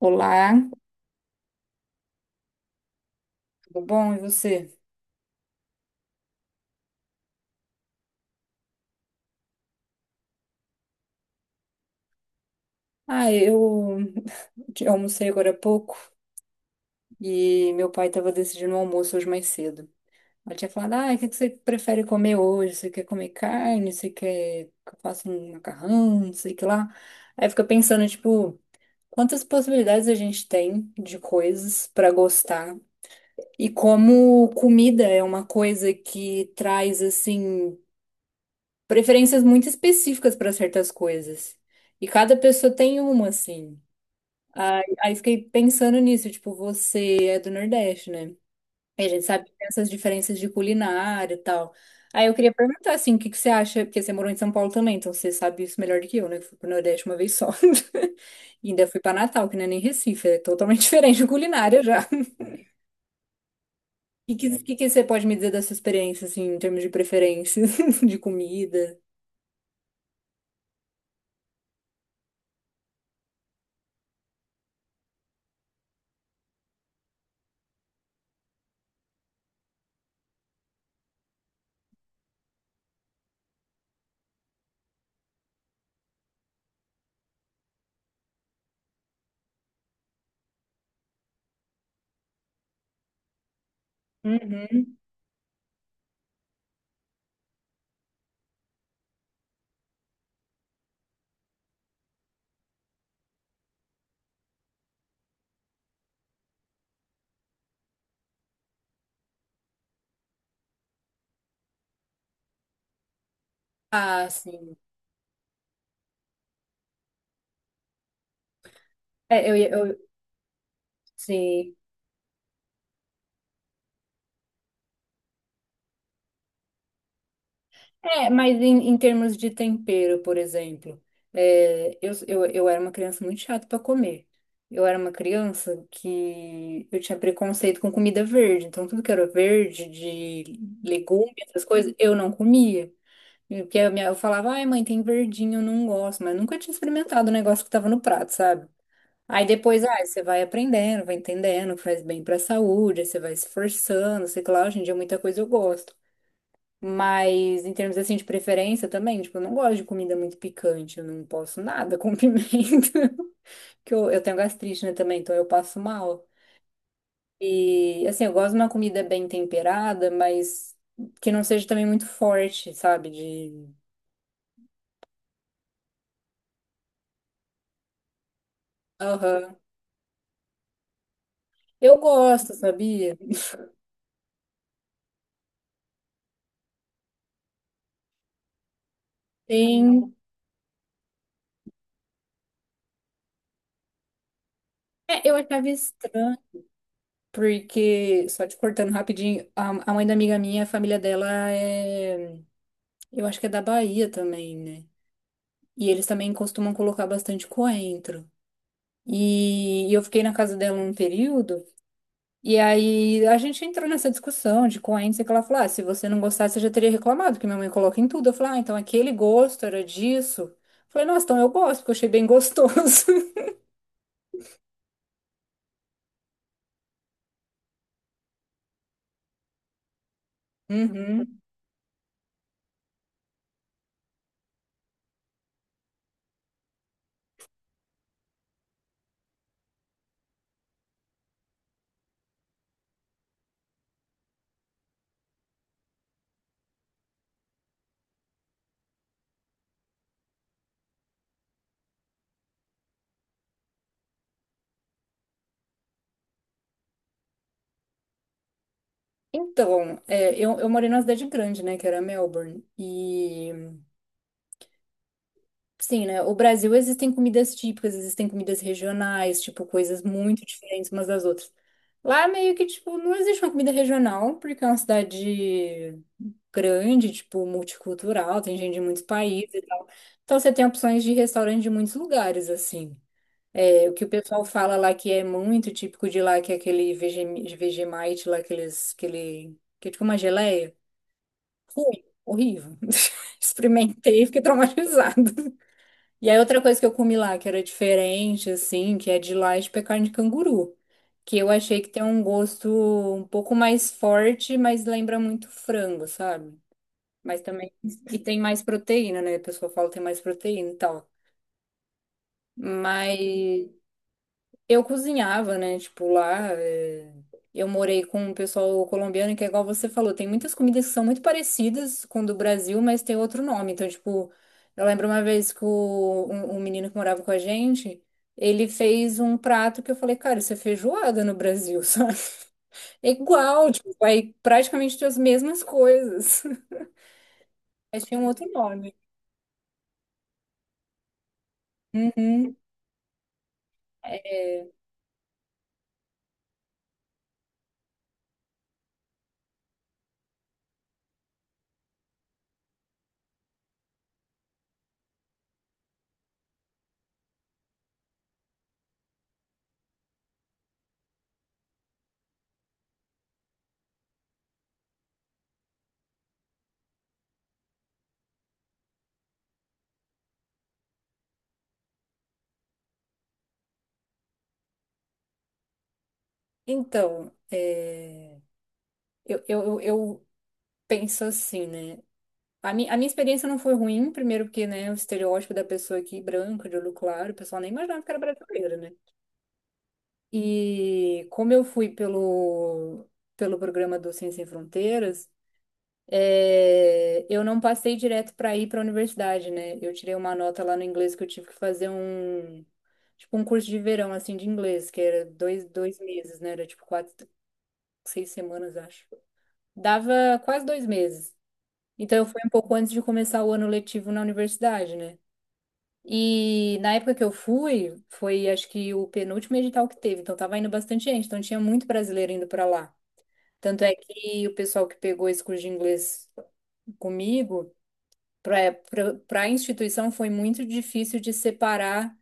Olá, tudo bom? E você? Ah, eu almocei agora há pouco e meu pai estava decidindo o almoço hoje mais cedo. Ela tinha falado, ah, o que que você prefere comer hoje? Você quer comer carne? Você quer que eu faça um macarrão? Não sei o que lá. Aí fica pensando, tipo, quantas possibilidades a gente tem de coisas para gostar e como comida é uma coisa que traz, assim, preferências muito específicas para certas coisas. E cada pessoa tem uma, assim. Aí fiquei pensando nisso, tipo, você é do Nordeste, né? E a gente sabe que tem essas diferenças de culinária e tal. Aí eu queria perguntar, assim, o que que você acha, porque você morou em São Paulo também, então você sabe isso melhor do que eu, né? Eu fui pro Nordeste uma vez só. E ainda fui pra Natal, que não é nem Recife, é totalmente diferente de culinária já. E que você pode me dizer dessa experiência, assim, em termos de preferências, de comida? Uhum. Ah, sim. É, eu, sim. É, mas em termos de tempero, por exemplo, é, eu era uma criança muito chata para comer. Eu era uma criança que eu tinha preconceito com comida verde, então tudo que era verde, de legume, essas coisas, eu não comia. Porque eu falava, ai mãe, tem verdinho, eu não gosto, mas nunca tinha experimentado o negócio que tava no prato, sabe? Aí depois, ah, você vai aprendendo, vai entendendo que faz bem pra saúde, aí você vai se esforçando, sei lá, hoje em dia muita coisa eu gosto. Mas em termos assim de preferência também, tipo, eu não gosto de comida muito picante, eu não posso nada com pimenta. Porque eu tenho gastrite, né, também, então eu passo mal. E assim, eu gosto de uma comida bem temperada, mas que não seja também muito forte, sabe? De. Aham. Eu gosto, sabia? Sim. É, eu achava estranho, porque, só te cortando rapidinho, a mãe da amiga minha, a família dela é. Eu acho que é da Bahia também, né? E eles também costumam colocar bastante coentro. E eu fiquei na casa dela um período, e aí a gente entrou nessa discussão de coentro, sei que ela falou, ah, se você não gostasse, você já teria reclamado, que minha mãe coloca em tudo. Eu falei, ah, então aquele gosto era disso. Eu falei, nossa, então eu gosto, porque eu achei bem gostoso. Uhum. Então, é, eu morei numa cidade grande, né, que era Melbourne. E, sim, né, o Brasil existem comidas típicas, existem comidas regionais, tipo, coisas muito diferentes umas das outras. Lá meio que, tipo, não existe uma comida regional, porque é uma cidade grande, tipo, multicultural, tem gente de muitos países e tal. Então você tem opções de restaurante de muitos lugares, assim. É, o que o pessoal fala lá que é muito típico de lá, que é aquele Vegemite lá, aqueles, aquele, que é tipo uma geleia. Ruim, horrível. Experimentei, fiquei traumatizada. E aí outra coisa que eu comi lá, que era diferente, assim, que é de lá, é de carne de canguru. Que eu achei que tem um gosto um pouco mais forte, mas lembra muito frango, sabe? Mas também. E tem mais proteína, né? A pessoa fala que tem mais proteína e tal. Mas eu cozinhava, né? Tipo, lá eu morei com um pessoal colombiano que é igual você falou. Tem muitas comidas que são muito parecidas com o do Brasil, mas tem outro nome. Então, tipo, eu lembro uma vez que um menino que morava com a gente, ele fez um prato que eu falei, cara, isso é feijoada no Brasil, sabe? É igual, tipo, vai praticamente ter as mesmas coisas. Mas tinha um outro nome. Uhum. É, então, eu penso assim, né? A minha experiência não foi ruim, primeiro porque, né, o estereótipo da pessoa aqui branca, de olho claro, o pessoal nem imaginava que era brasileira, né? E como eu fui pelo, pelo programa do Ciência Sem Fronteiras, é, eu não passei direto para ir para a universidade, né? Eu tirei uma nota lá no inglês que eu tive que fazer um, tipo, um curso de verão, assim, de inglês, que era dois meses, né? Era tipo quatro, 6 semanas, acho. Dava quase 2 meses. Então, eu fui um pouco antes de começar o ano letivo na universidade, né? E na época que eu fui, foi acho que o penúltimo edital que teve, então tava indo bastante gente, então tinha muito brasileiro indo para lá. Tanto é que o pessoal que pegou esse curso de inglês comigo, para a instituição foi muito difícil de separar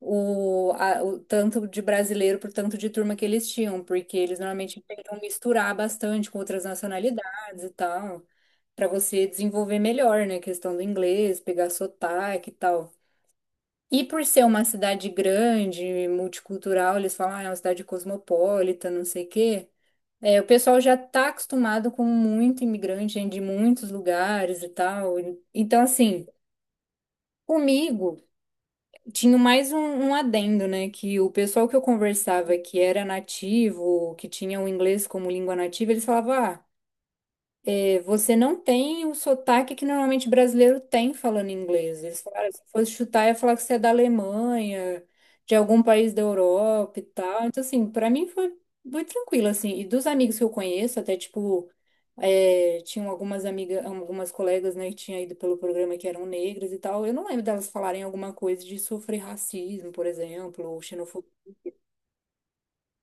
o tanto de brasileiro por tanto de turma que eles tinham, porque eles normalmente tentam misturar bastante com outras nacionalidades e tal, para você desenvolver melhor, né, a questão do inglês, pegar sotaque e tal. E por ser uma cidade grande, multicultural, eles falam, ah, é uma cidade cosmopolita, não sei o quê. É, o pessoal já está acostumado com muito imigrante, gente de muitos lugares e tal. Então, assim, comigo tinha mais um adendo, né? Que o pessoal que eu conversava que era nativo, que tinha o inglês como língua nativa, eles falavam, ah, você não tem o sotaque que normalmente brasileiro tem falando inglês. Eles falaram, se fosse chutar, ia falar que você é da Alemanha, de algum país da Europa e tal. Então, assim, pra mim foi muito tranquilo, assim. E dos amigos que eu conheço, até, tipo, é, tinham algumas amigas, algumas colegas, né, que tinham ido pelo programa que eram negras e tal. Eu não lembro delas falarem alguma coisa de sofrer racismo, por exemplo, ou xenofobia.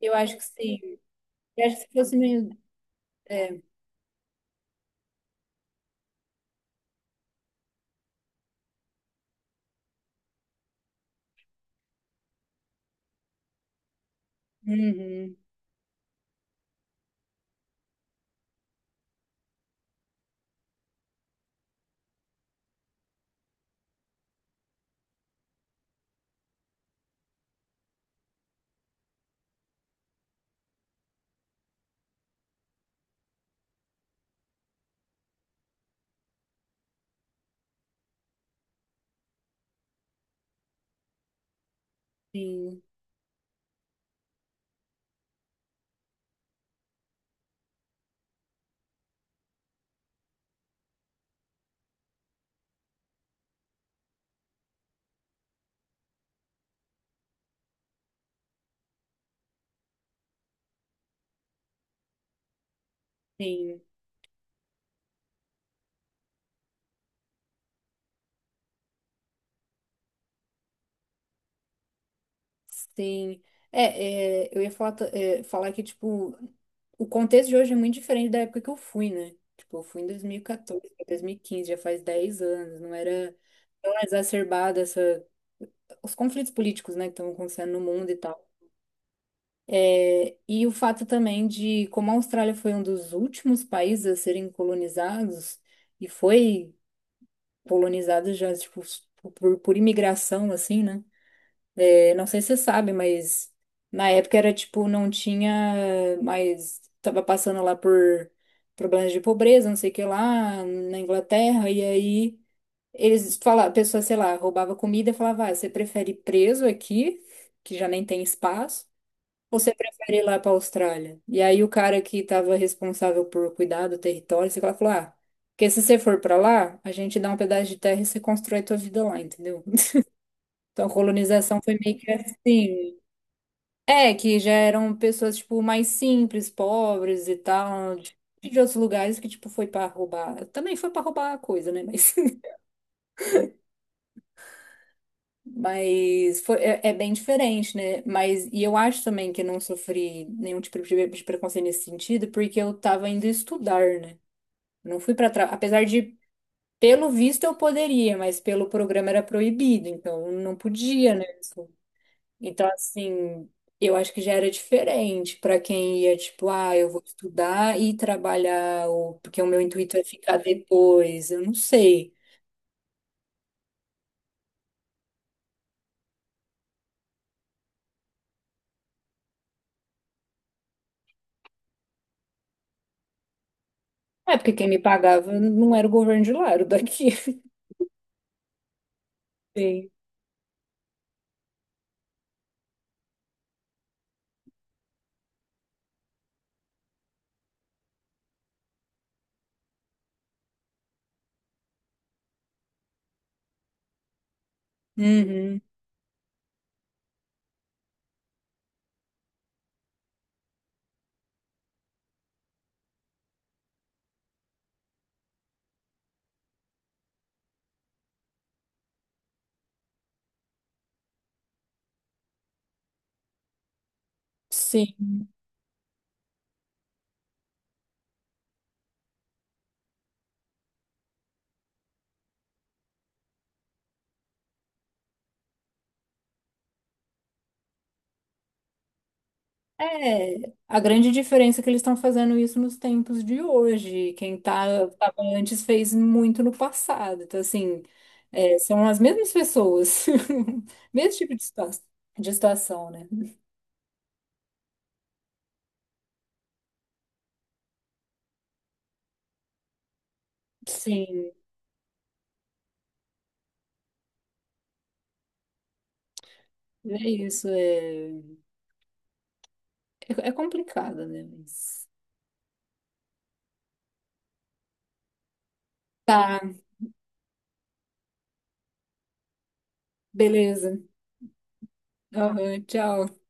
Eu acho que sim. Eu acho que se fosse meio... É. Uhum, sim, sim. Sim. É, é, eu ia falar, é, falar que, tipo, o contexto de hoje é muito diferente da época que eu fui, né? Tipo, eu fui em 2014, pra 2015 já faz 10 anos, não era tão exacerbada essa, os conflitos políticos, né, que estão acontecendo no mundo e tal. É, e o fato também de como a Austrália foi um dos últimos países a serem colonizados, e foi colonizado já, tipo, por imigração, assim, né? É, não sei se você sabe, mas na época era tipo, não tinha mais. Tava passando lá por problemas de pobreza, não sei o que lá, na Inglaterra, e aí eles falavam, a pessoa, sei lá, roubava comida e falava, ah, você prefere ir preso aqui, que já nem tem espaço, ou você prefere ir lá pra Austrália? E aí o cara que tava responsável por cuidar do território, sei lá, falou, ah, porque se você for pra lá, a gente dá um pedaço de terra e você constrói tua vida lá, entendeu? Então, a colonização foi meio que assim. É, que já eram pessoas, tipo, mais simples, pobres e tal, de, outros lugares que, tipo, foi pra roubar. Também foi pra roubar a coisa, né? Mas, mas foi, é, é bem diferente, né? Mas, e eu acho também que eu não sofri nenhum tipo de preconceito nesse sentido, porque eu tava indo estudar, né? Não fui pra trás. Apesar de, pelo visto, eu poderia, mas pelo programa era proibido, então não podia, né? Então, assim, eu acho que já era diferente para quem ia, tipo, ah, eu vou estudar e trabalhar, ou porque o meu intuito é ficar depois, eu não sei. É porque quem me pagava não era o governo de lá, era o daqui. Sim. Uhum. Sim. É, a grande diferença é que eles estão fazendo isso nos tempos de hoje. Quem tá, tava antes fez muito no passado. Então, assim, é, são as mesmas pessoas, mesmo tipo de de situação, né? Sim. É isso, é, é, é complicado, né? Mas... Tá, beleza. Aham, tchau.